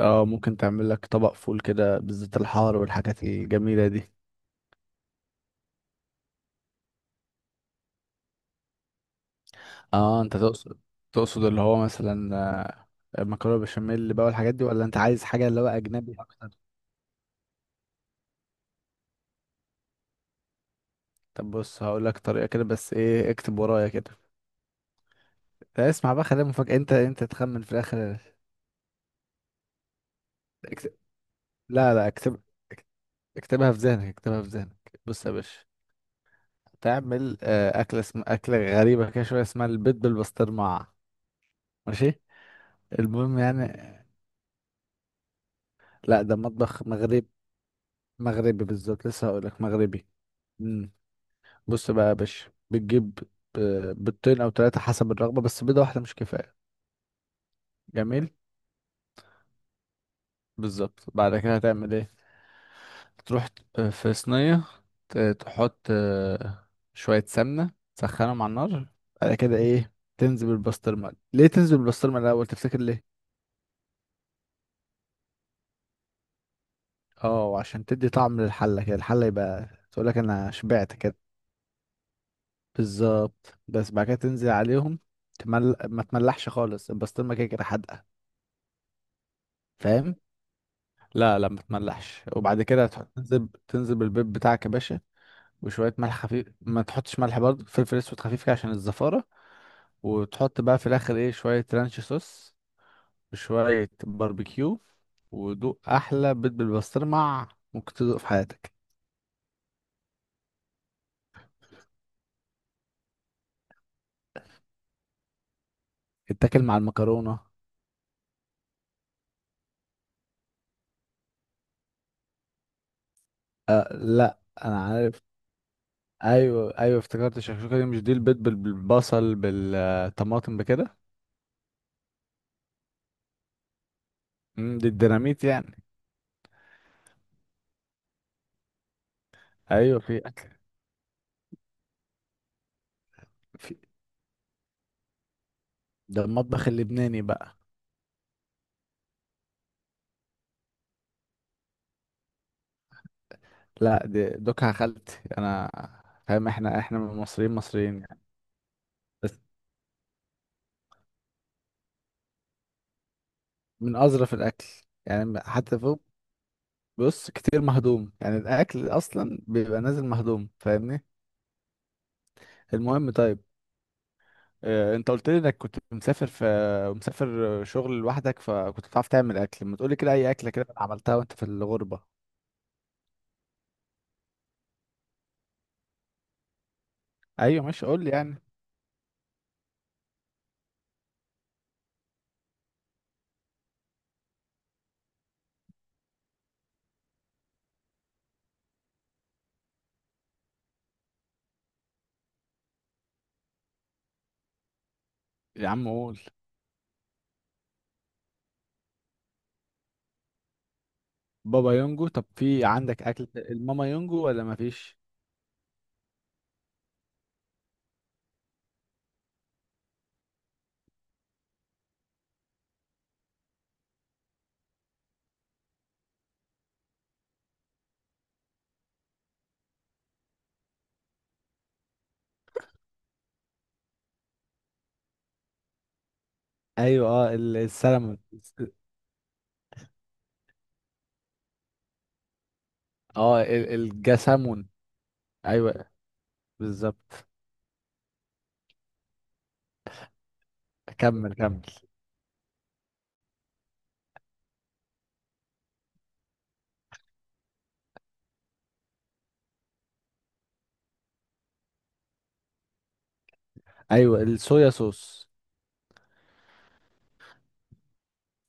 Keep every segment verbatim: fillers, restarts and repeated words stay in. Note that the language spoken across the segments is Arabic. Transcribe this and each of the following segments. اه، ممكن تعمل لك طبق فول كده بالزيت الحار والحاجات الجميلة دي. اه، انت تقصد تقصد اللي هو مثلا آه، مكرونة بشاميل بقى والحاجات دي، ولا انت عايز حاجة اللي هو اجنبي اكتر؟ طب بص، هقول لك طريقة كده، بس ايه، اكتب ورايا كده. لا، اسمع بقى، خليها مفاجأة، انت انت تخمن في الاخر. اكتب... لا لا، اكتب اك- اكتبها في ذهنك، اكتبها في ذهنك. بص يا باشا، تعمل آه، أكلة اسم... أكلة غريبة كده شوية، اسمها البيض بالبسطرمة. ماشي، المهم يعني. لا، ده مطبخ مغربي. مغربي بالظبط، لسه هقول لك مغربي. امم. بص بقى يا باشا، بتجيب آه، بيضتين او ثلاثه حسب الرغبه، بس بيضه واحده مش كفايه. جميل. بالظبط، بعد كده هتعمل ايه؟ تروح ت- في صينيه، ت- تحط آه، شويه سمنه، تسخنهم على النار. بعد كده ايه؟ تنزل بالبسطرمه، ليه تنزل بالبسطرمه الاول تفتكر ليه؟ اه، عشان تدي طعم للحله كده، الحله يبقى تقول لك انا شبعت كده. بالظبط، بس بعد كده تنزل عليهم. تمل... ما تملحش خالص، البسطرمة كده كده حادقة. فاهم. لا لا، ما تملحش، وبعد كده تحط تنزل تنزل بالبيض بتاعك يا باشا. وشوية ملح خفيف، ما تحطش ملح برضه، فلفل اسود خفيف كده عشان الزفارة. وتحط بقى في الاخر ايه، شوية رانش صوص، وشوية باربيكيو. ودوق احلى بيض بالبسطرمة ممكن تدوق في حياتك. اتاكل مع المكرونة. أه لا، انا عارف. ايوه ايوه، افتكرت الشكشوكه، دي مش دي البيض بال- بالبصل بالطماطم بكده. امم دي الديناميت يعني. ايوه، في اكل. في ده المطبخ اللبناني بقى. لا، دي دوكها خالتي انا. فاهم، احنا احنا من المصريين، مصريين يعني، بس. من اظرف الاكل، يعني حتى فوق. بص كتير مهضوم يعني، الاكل اصلا بيبقى نازل مهضوم، فاهمني. المهم طيب، آه، انت قلت لي انك كنت مسافر في مسافر شغل لوحدك، فكنت بتعرف تعمل اكل، ما تقولي كده اي اكله كده عملتها وانت في الغربه. ايوه ماشي، قول لي يعني. يا عم قول. بابا يونجو، طب في عندك اكل الماما يونجو ولا ما فيش؟ ايوه، اه ال- السلمون. اه ال- الجسامون. ايوه، بالظبط. كمل كمل. ايوه، الصويا صوص.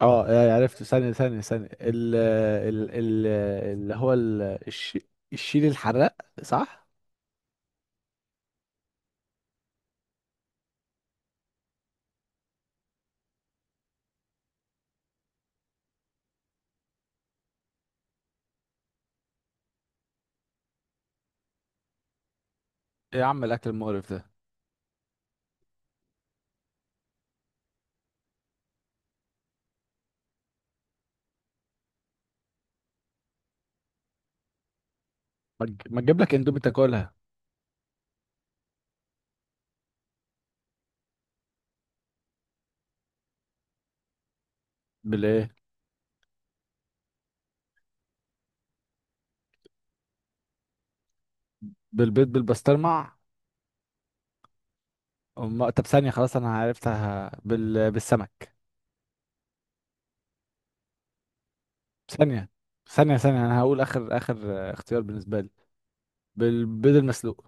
اه، آه، عرفت، ثانيه ثانيه ثانيه، ال ال ال اللي هو ال- الش- الشيل الحراق. صح. إيه يا عم الاكل المقرف ده؟ ما تج- ما تجيب لك اندومي تاكلها؟ بالايه؟ بالبيض بالبسطرمه. أم- طب ثانيه، خلاص انا عرفتها بال... بالسمك. ثانية ثانية ثانية، أنا هقول آخر آخر آه، اختيار بالنسبة لي، بالبيض المسلوق.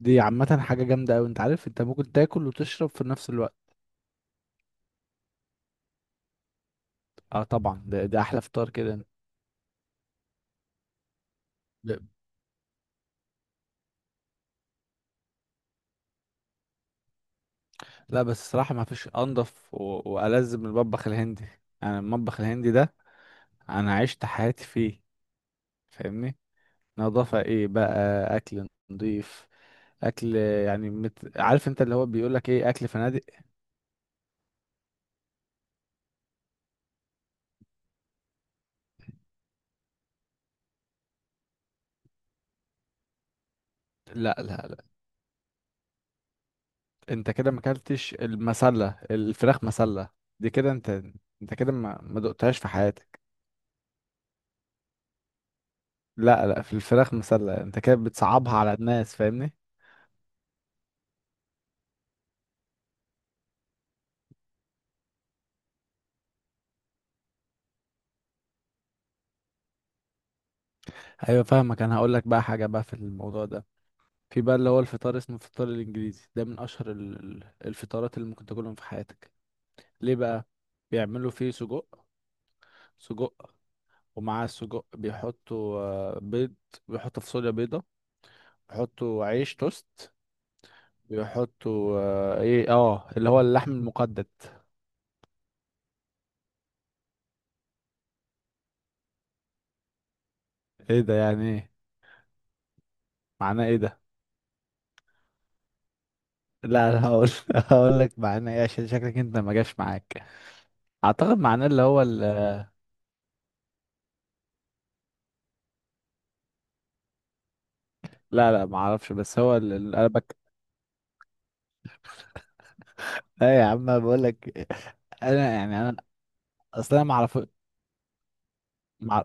دي عامة حاجة جامدة أوي، أنت عارف أنت ممكن تاكل وتشرب في نفس الوقت. أه طبعا، ده, ده أحلى فطار كده. ب- لا، بس الصراحة ما فيش أنضف و- وألذ من المطبخ الهندي. أنا المطبخ الهندي ده، أنا عشت حياتي فيه، فاهمني. نظافة إيه بقى؟ أكل نضيف، أكل يعني مت... عارف أنت اللي هو بيقولك إيه، أكل فنادق. لا لا، انت كده ما اكلتش المسله، الفراخ مسله دي كده، انت انت كده ما ما دقتهاش في حياتك. لا لا، في الفراخ مسله، انت كده بتصعبها على الناس فاهمني. ايوه فاهمك، انا هقول لك بقى حاجه بقى في الموضوع ده. في بقى اللي هو الفطار، اسمه الفطار الانجليزي، ده من اشهر ال- ال- الفطارات اللي ممكن تاكلهم في حياتك. ليه بقى؟ بيعملوا فيه سجق. سجق. ومعاه السجق بيحطوا آه، بيض، بيحطوا فاصوليا بيضه، بيحطوا عيش توست، بيحطوا آه، ايه اه اللي هو اللحم المقدد. ايه ده يعني ايه؟ معناه ايه ده؟ لا، انا هقول هقول لك معناه ايه عشان شكلك انت ما جاش معاك. اعتقد معناه اللي هو ال... لا لا، ما اعرفش، بس هو ال- ال- انا بك. لا يا عم أنا بقول لك. انا يعني انا، اصل انا ما اعرف. مع...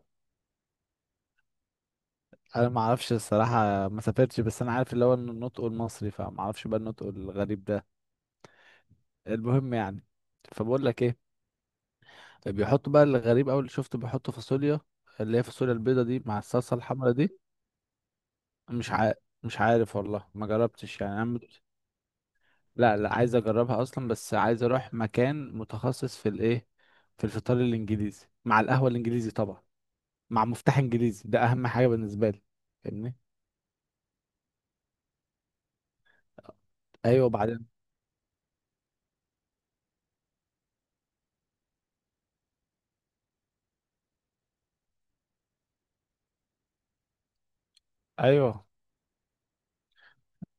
انا ما اعرفش الصراحه، ما سافرتش، بس انا عارف اللي هو النطق المصري، فما اعرفش بقى النطق الغريب ده. المهم يعني، فبقول لك ايه. بيحطوا بقى الغريب، اول اللي شفته بيحطوا فاصوليا، اللي هي فاصوليا البيضه دي مع الصلصه الحمراء دي. مش عارف، مش عارف والله، ما جربتش يعني انا. لا لا، عايز اجربها اصلا، بس عايز اروح مكان متخصص في الايه، في الفطار الانجليزي مع القهوة الانجليزي طبعا، مع مفتاح انجليزي، ده اهم حاجة بالنسبة لي فاهمني. ايوه بعدين. ايوه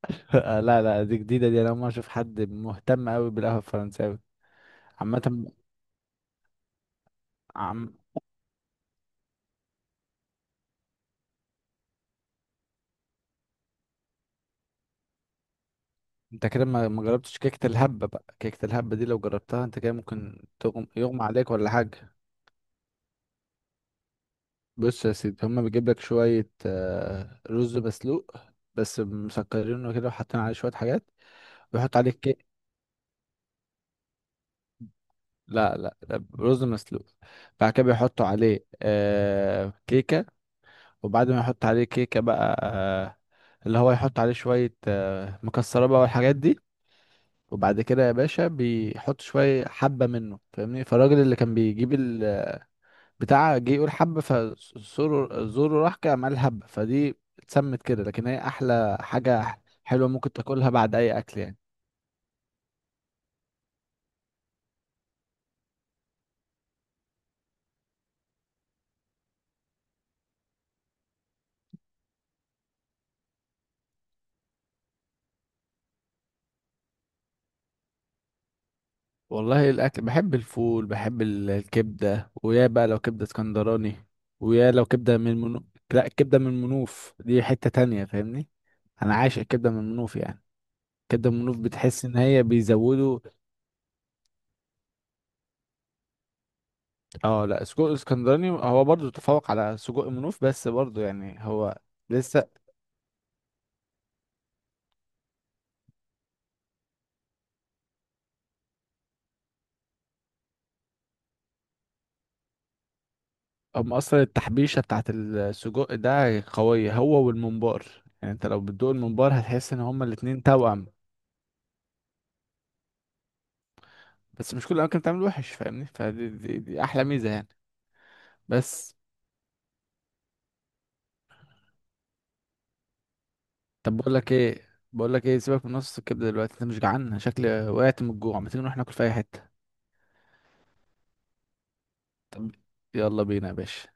لا لا، دي جديدة دي، انا اول مرة اشوف حد مهتم قوي بالقهوة الفرنساوي. عامة، عم، انت كده ما ما جربتش كيكة الهبة بقى. كيكة الهبة دي لو جربتها انت كده ممكن تغم... يغمى عليك ولا حاجة. بص يا سيدي، هما بيجيب لك شوية آه، رز مسلوق، بس مسكرينه كده وحاطين عليه شوية حاجات. بيحط عليه كيك. لا لا، ده رز مسلوق. بعد كده بيحطوا عليه آه كيكة. وبعد ما يحط عليه كيكة بقى آه اللي هو يحط عليه شوية آه مكسرات بقى والحاجات دي. وبعد كده يا باشا بيحط شوية حبة منه فاهمني، فالراجل اللي كان بيجيب البتاع جه يقول حبة فزوره زوره، راح كده عمل حبة فدي، اتسمت كده. لكن هي أحلى حاجة حلوة ممكن تاكلها بعد أي أكل يعني. والله الاكل، بحب الفول، بحب ال- الكبده، ويا بقى لو كبده اسكندراني، ويا لو كبده من منو... لا، الكبده من منوف دي حته تانية فاهمني. انا عايش الكبده من منوف يعني. كبده من منوف بتحس ان هي بيزودوا. اه لا، سجق اسكندراني هو برضو تفوق على سجق منوف، بس برضو يعني هو لسه. هم اصلا التحبيشه بتاعت السجق ده قويه، هو والممبار، يعني انت لو بتدوق الممبار هتحس ان هما الاتنين توأم. بس مش كل الاماكن بتعمل وحش فاهمني، فدي دي, دي احلى ميزه يعني. بس طب بقول لك ايه بقول لك ايه، سيبك من نص الكبده دلوقتي، انت مش جعان؟ أنا شكلي وقعت من الجوع، ما تيجي نروح ناكل في اي حته. طب يلا بينا يا باشا.